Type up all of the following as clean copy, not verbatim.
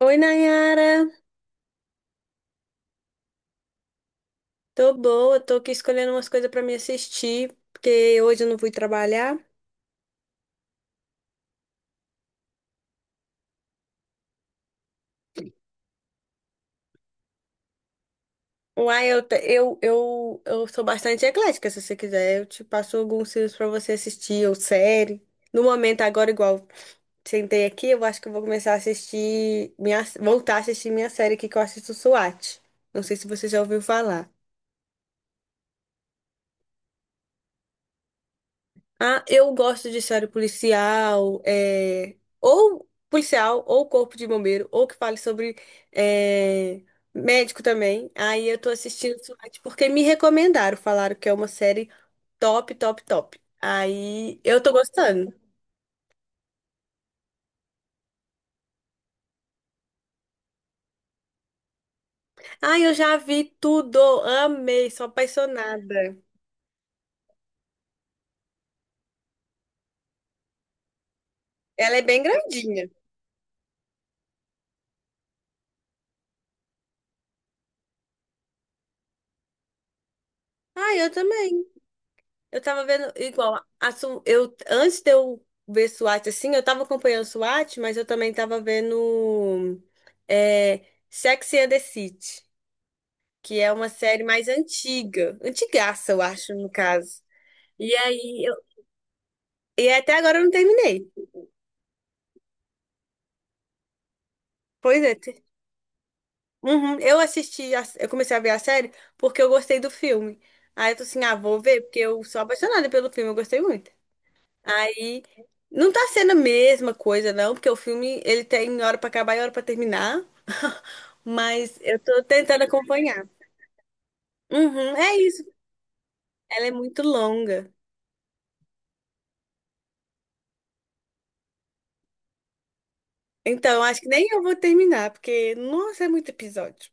Oi, Nayara. Tô boa, tô aqui escolhendo umas coisas pra me assistir, porque hoje eu não fui trabalhar. Uai, eu, te- eu sou bastante eclética, se você quiser. Eu te passo alguns filmes pra você assistir, ou série. No momento, agora, igual sentei aqui, eu acho que eu vou começar a assistir, voltar a assistir minha série aqui que eu assisto SWAT. Não sei se você já ouviu falar. Ah, eu gosto de série policial, ou policial, ou corpo de bombeiro, ou que fale sobre é, médico também. Aí eu tô assistindo SWAT porque me recomendaram, falaram que é uma série top, top, top. Aí eu tô gostando. Ah, eu já vi tudo, amei, sou apaixonada. Ela é bem grandinha. Ah, eu também. Eu tava vendo, igual, antes de eu ver SWAT, assim, eu tava acompanhando SWAT, mas eu também tava vendo é, Sex and the City, que é uma série mais antiga, antigaça, eu acho, no caso. E aí, e até agora eu não terminei. Pois é. Uhum, eu eu comecei a ver a série porque eu gostei do filme. Aí eu tô assim, ah, vou ver, porque eu sou apaixonada pelo filme, eu gostei muito. Aí não tá sendo a mesma coisa, não, porque o filme ele tem hora pra acabar e hora pra terminar. Mas eu tô tentando acompanhar. Uhum, é isso. Ela é muito longa. Então, acho que nem eu vou terminar, porque, nossa, é muito episódio.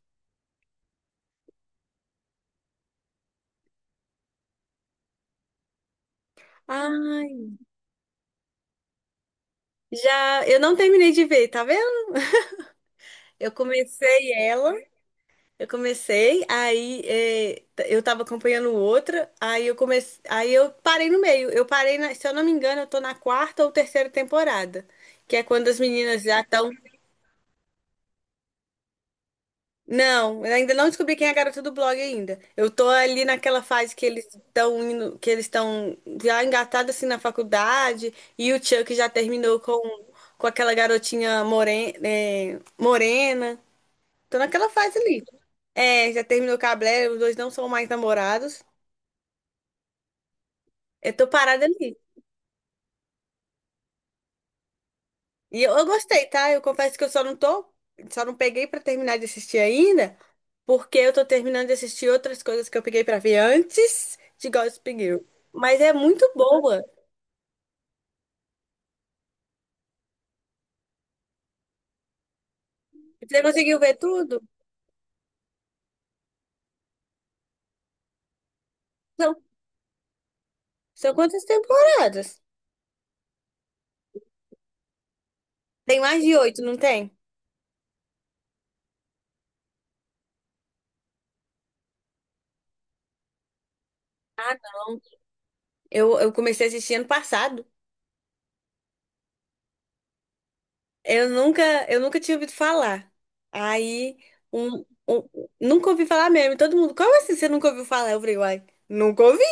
Ai, já eu não terminei de ver, tá vendo? Eu comecei ela. Eu comecei, aí eu tava acompanhando outra, aí eu comecei, aí eu parei no meio. Eu parei na, se eu não me engano, eu tô na quarta ou terceira temporada, que é quando as meninas já estão. Não, eu ainda não descobri quem é a garota do blog ainda. Eu tô ali naquela fase que eles estão indo, que eles estão já engatados assim na faculdade, e o Chuck já terminou com aquela garotinha morena, morena. Tô naquela fase ali. É, já terminou com a Blair, os dois não são mais namorados. Eu tô parada ali. E eu gostei, tá? Eu confesso que eu só não peguei pra terminar de assistir ainda, porque eu tô terminando de assistir outras coisas que eu peguei pra ver antes de Gossip Girl. Mas é muito boa. Você conseguiu ver tudo? São, são quantas temporadas? Tem mais de oito, não tem? Ah, não. Eu comecei a assistir ano passado. Eu nunca, eu nunca tinha ouvido falar. Aí, um, um- nunca ouvi falar mesmo. E todo mundo, como assim você nunca ouviu falar? Eu falei, uai, nunca ouvi.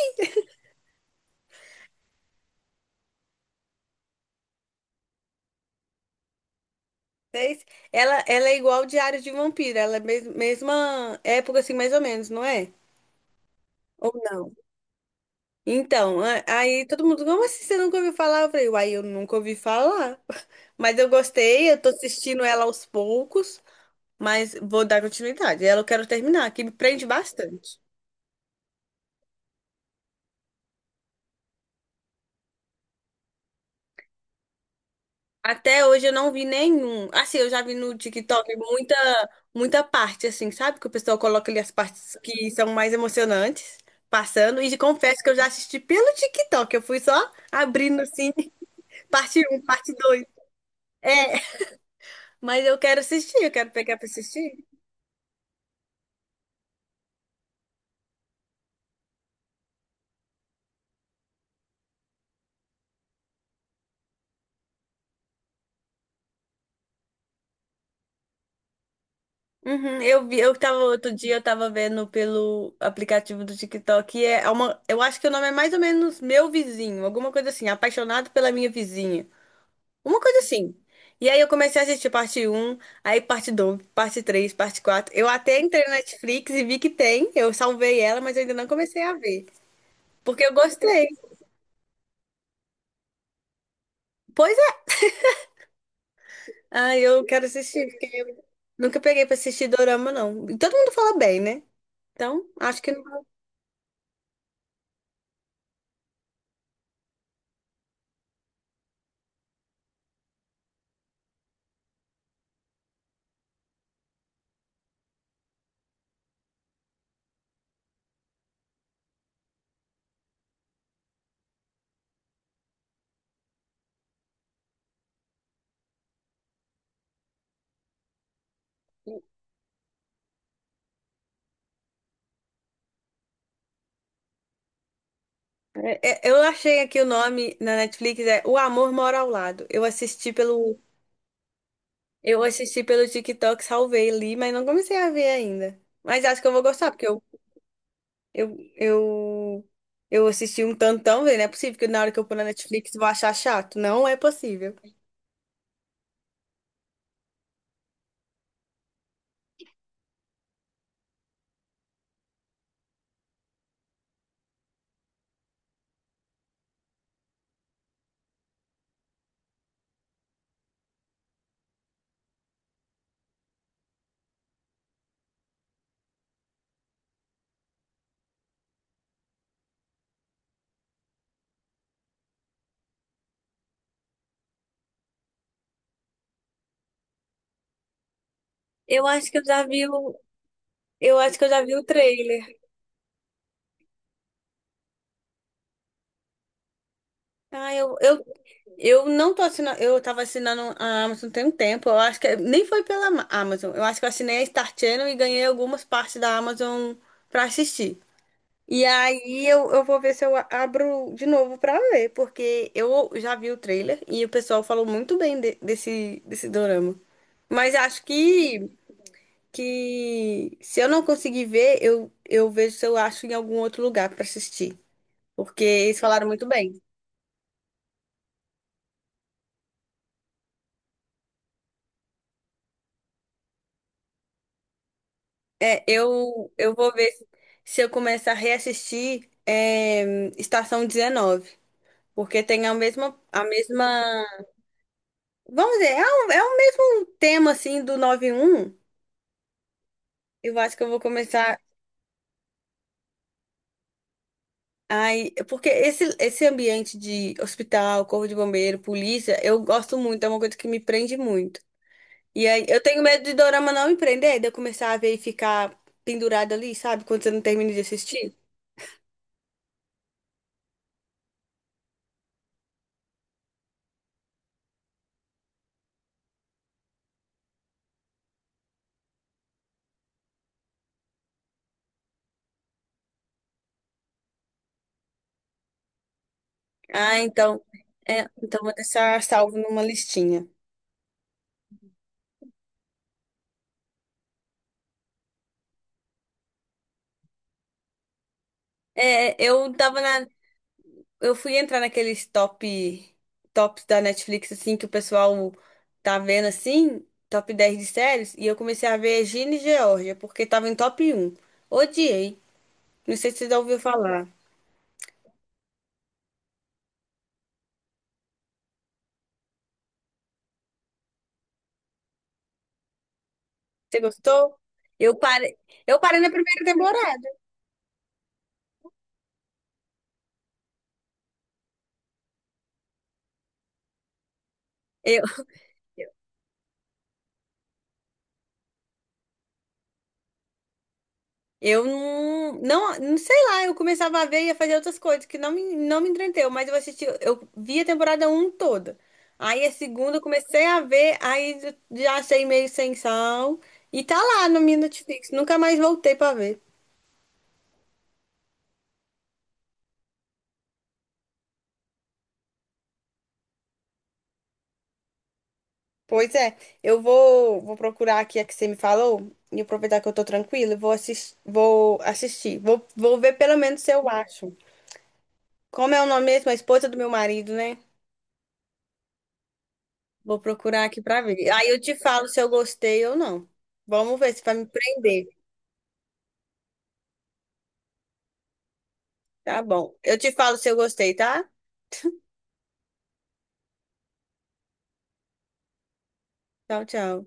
Seis. Ela é igual o Diário de Vampiro, ela é mesma época, assim, mais ou menos, não é? Ou não? Então, aí todo mundo, como assim você nunca ouviu falar? Eu falei, uai, eu nunca ouvi falar. Mas eu gostei, eu tô assistindo ela aos poucos, mas vou dar continuidade. Ela eu quero terminar, que me prende bastante. Até hoje eu não vi nenhum. Assim, eu já vi no TikTok muita, muita parte, assim, sabe? Que o pessoal coloca ali as partes que são mais emocionantes, passando. E confesso que eu já assisti pelo TikTok. Eu fui só abrindo, assim, parte um, parte 2. É, mas eu quero assistir, eu quero pegar pra assistir. Uhum, eu vi, eu tava outro dia, eu tava vendo pelo aplicativo do TikTok. E é uma, eu acho que o nome é mais ou menos Meu Vizinho, alguma coisa assim, Apaixonado pela Minha Vizinha. Uma coisa assim. E aí eu comecei a assistir parte um, aí parte dois, parte três, parte quatro. Eu até entrei na Netflix e vi que tem. Eu salvei ela, mas eu ainda não comecei a ver. Porque eu gostei. Pois é. Ah, eu quero assistir, porque eu nunca peguei pra assistir dorama, não. E todo mundo fala bem, né? Então, acho que não. Eu achei aqui o nome na Netflix, é O Amor Mora ao Lado. Eu assisti pelo. Eu assisti pelo TikTok, salvei ali, mas não comecei a ver ainda. Mas acho que eu vou gostar, porque eu Eu, eu, eu assisti um tantão, velho. Não é possível que na hora que eu pôr na Netflix eu vou achar chato. Não é possível. Eu acho que eu já vi o, eu acho que eu já vi o trailer. Ah, eu não tô assinando. Eu tava assinando a Amazon tem um tempo. Eu acho que nem foi pela Amazon. Eu acho que eu assinei a Star Channel e ganhei algumas partes da Amazon pra assistir. E aí eu vou ver se eu abro de novo pra ver, porque eu já vi o trailer e o pessoal falou muito bem desse dorama. Mas acho que se eu não conseguir ver, eu vejo se eu acho em algum outro lugar pra assistir. Porque eles falaram muito bem. É, eu vou ver se eu começar a reassistir Estação 19. Porque tem a mesma, a mesma. Vamos dizer, é o mesmo tema assim do nove um. Eu acho que eu vou começar. Ai, porque esse ambiente de hospital, corpo de bombeiro, polícia, eu gosto muito, é uma coisa que me prende muito. E aí, eu tenho medo de dorama não me prender, de eu começar a ver e ficar pendurada ali, sabe? Quando você não termina de assistir. Ah, então. É, então vou deixar salvo numa listinha. É, eu fui entrar naqueles top tops da Netflix assim que o pessoal tá vendo assim, top 10 de séries, e eu comecei a ver Gina e Georgia porque tava em top um. Odiei. Não sei se você já ouviu falar. Você gostou? Eu parei, eu parei na primeira temporada. Eu Eu não, não, não sei lá, eu começava a ver e ia fazer outras coisas que não me entreteu, mas eu assisti, eu vi a temporada um toda. Aí a segunda eu comecei a ver, aí eu já achei meio sem sal e tá lá no meu Netflix, nunca mais voltei pra ver. Pois é, eu vou procurar aqui a que você me falou e aproveitar que eu tô tranquila, e vou assistir, vou assistir, vou ver pelo menos se eu acho. Como é o nome mesmo? A esposa do meu marido, né? Vou procurar aqui pra ver. Aí eu te falo se eu gostei ou não. Vamos ver se vai me prender. Tá bom. Eu te falo se eu gostei, tá? Tchau, tchau.